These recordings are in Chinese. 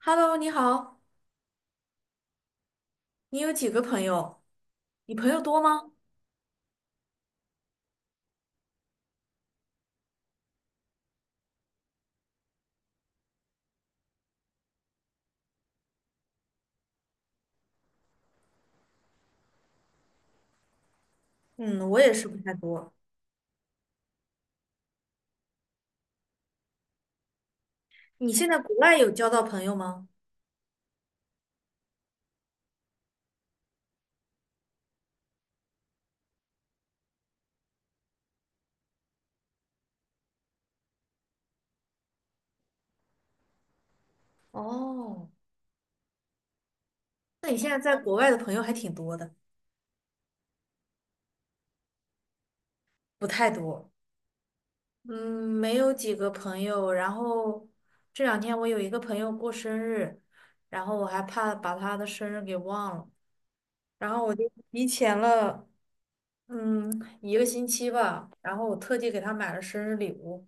Hello，你好，你有几个朋友？你朋友多吗？嗯，我也是不太多。你现在国外有交到朋友吗？哦，那你现在在国外的朋友还挺多的，不太多。嗯，没有几个朋友。然后这两天我有一个朋友过生日，然后我还怕把他的生日给忘了，然后我就提前了，嗯，一个星期吧。然后我特地给他买了生日礼物。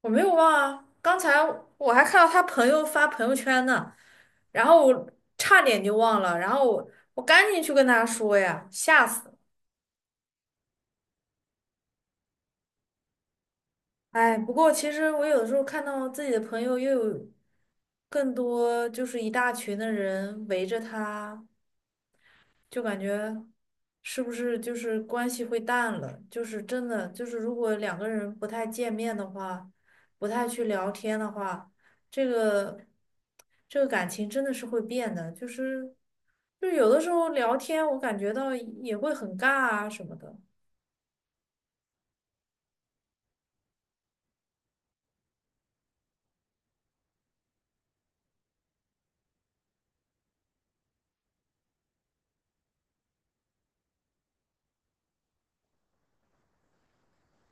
我没有忘啊，刚才我还看到他朋友发朋友圈呢，然后我差点就忘了，然后我赶紧去跟他说呀，吓死了！哎，不过其实我有的时候看到自己的朋友又有更多，就是一大群的人围着他，就感觉是不是就是关系会淡了？就是真的，就是如果两个人不太见面的话，不太去聊天的话，这个这个感情真的是会变的。就有的时候聊天，我感觉到也会很尬啊什么的。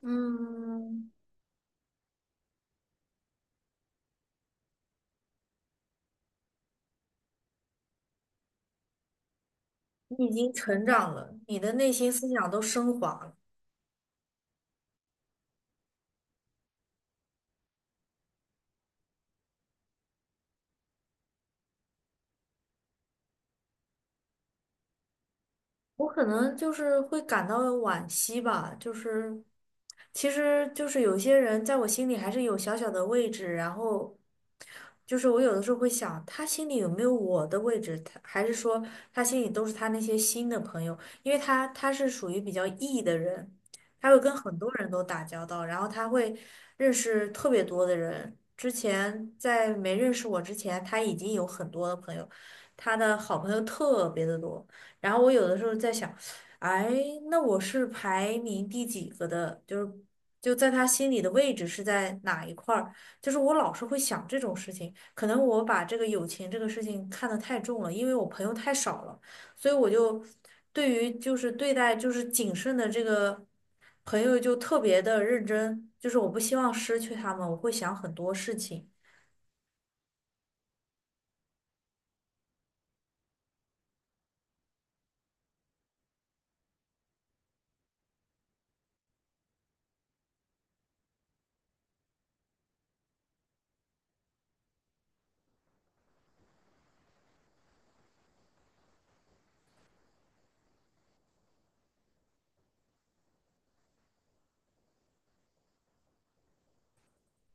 嗯，你已经成长了，你的内心思想都升华了。我可能就是会感到惋惜吧，就是其实就是有些人在我心里还是有小小的位置，然后就是我有的时候会想，他心里有没有我的位置？他还是说他心里都是他那些新的朋友，因为他是属于比较 E 的人，他会跟很多人都打交道，然后他会认识特别多的人。之前在没认识我之前，他已经有很多的朋友，他的好朋友特别的多。然后我有的时候在想，哎，那我是排名第几个的？就在他心里的位置是在哪一块儿？就是我老是会想这种事情，可能我把这个友情这个事情看得太重了，因为我朋友太少了，所以我就对于就是对待就是谨慎的这个朋友就特别的认真，就是我不希望失去他们，我会想很多事情。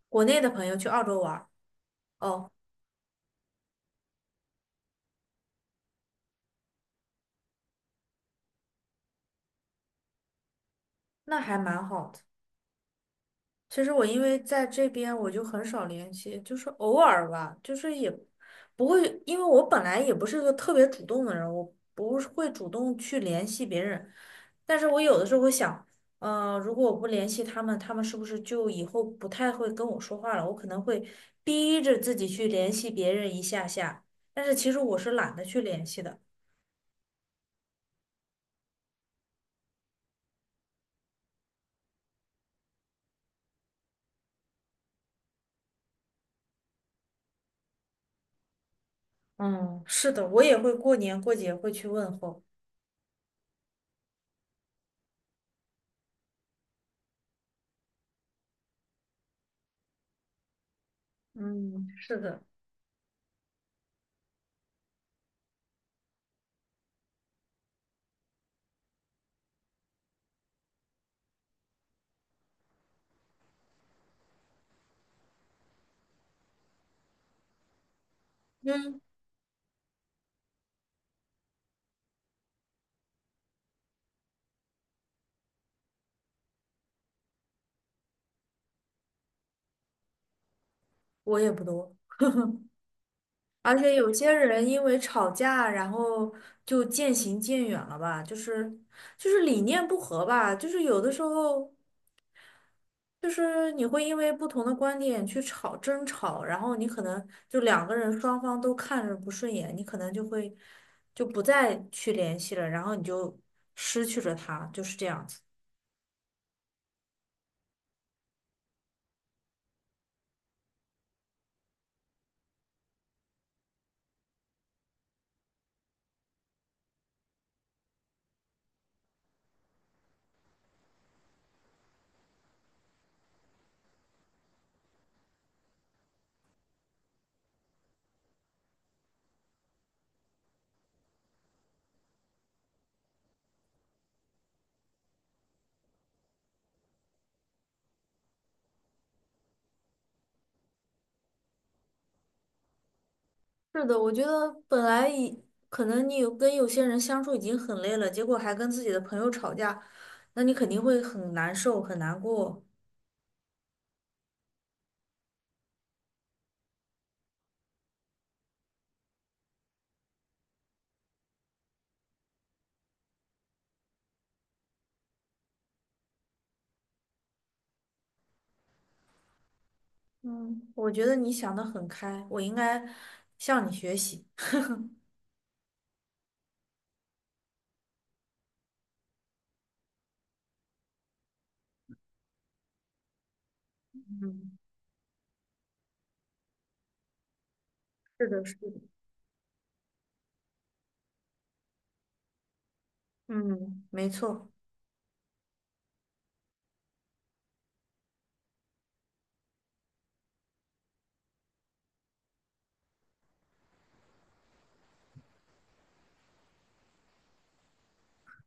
国内的朋友去澳洲玩儿，哦，那还蛮好的。其实我因为在这边我就很少联系，就是偶尔吧，就是也不会，因为我本来也不是个特别主动的人，我不是会主动去联系别人，但是我有的时候会想，嗯，如果我不联系他们，他们是不是就以后不太会跟我说话了？我可能会逼着自己去联系别人一下下，但是其实我是懒得去联系的。嗯，是的，我也会过年过节会去问候。嗯，是的，嗯，我也不多。而且有些人因为吵架，然后就渐行渐远了吧，就是理念不合吧，就是有的时候就是你会因为不同的观点去争吵，然后你可能就两个人双方都看着不顺眼，你可能就会就不再去联系了，然后你就失去了他，就是这样子。是的，我觉得本来已可能你有跟有些人相处已经很累了，结果还跟自己的朋友吵架，那你肯定会很难受，很难过。嗯，我觉得你想的很开，我应该向你学习。嗯，是的，是的。嗯，没错，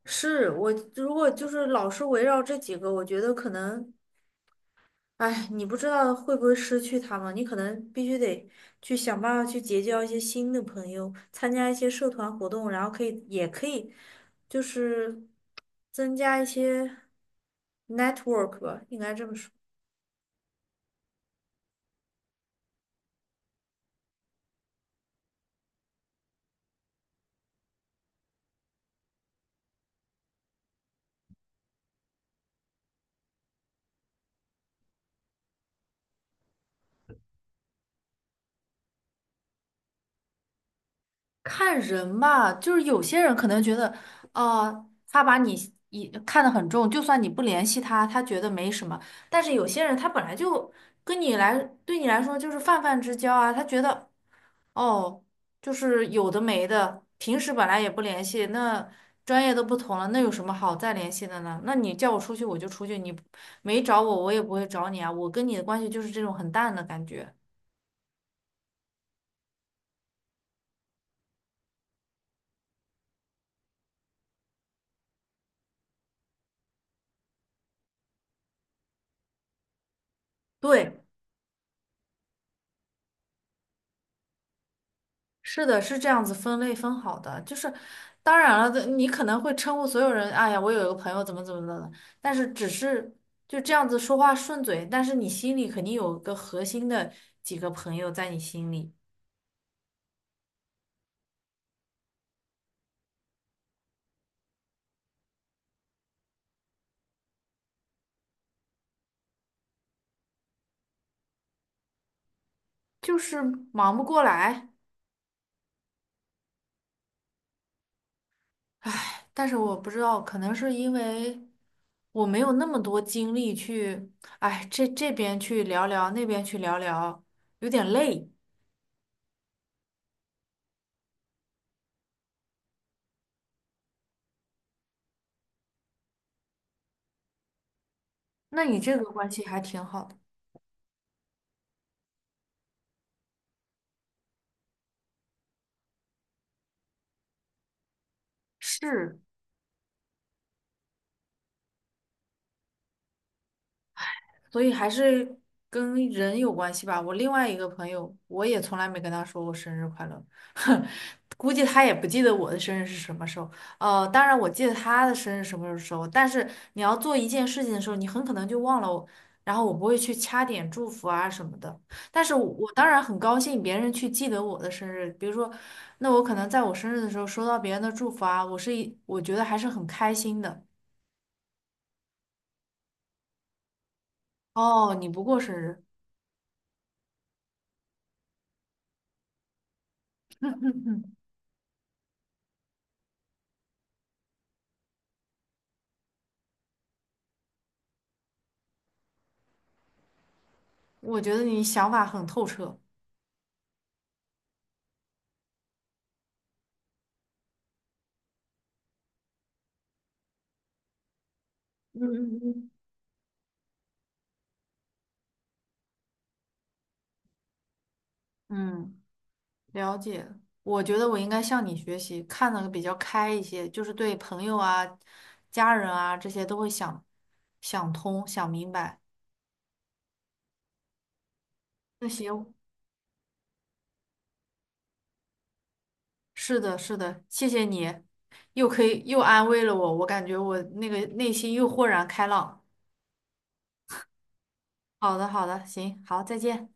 是我如果就是老是围绕这几个，我觉得可能，哎，你不知道会不会失去他们，你可能必须得去想办法去结交一些新的朋友，参加一些社团活动，然后可以也可以就是增加一些 network 吧，应该这么说。看人吧，就是有些人可能觉得，他把你一看得很重，就算你不联系他，他觉得没什么。但是有些人他本来就跟你来，对你来说就是泛泛之交啊，他觉得哦，就是有的没的，平时本来也不联系，那专业都不同了，那有什么好再联系的呢？那你叫我出去我就出去，你没找我我也不会找你啊，我跟你的关系就是这种很淡的感觉。对。是的，是这样子分类分好的，就是当然了，你可能会称呼所有人，哎呀，我有一个朋友怎么怎么的了，但是只是就这样子说话顺嘴，但是你心里肯定有个核心的几个朋友在你心里，就是忙不过来，唉，但是我不知道，可能是因为我没有那么多精力去，哎，这这边去聊聊，那边去聊聊，有点累。那你这个关系还挺好的，是。所以还是跟人有关系吧。我另外一个朋友，我也从来没跟他说过生日快乐，估计他也不记得我的生日是什么时候。当然我记得他的生日什么时候，但是你要做一件事情的时候，你很可能就忘了我然后我不会去掐点祝福啊什么的，但是我，我当然很高兴别人去记得我的生日。比如说，那我可能在我生日的时候收到别人的祝福啊，我觉得还是很开心的。哦，你不过生日。我觉得你想法很透彻，嗯嗯嗯，嗯，了解我觉得我应该向你学习，看的比较开一些，就是对朋友啊、家人啊这些都会想想通、想明白。那行，是的，是的，谢谢你，又可以又安慰了我，我感觉我那个内心又豁然开朗。好的，好的，行，好，再见。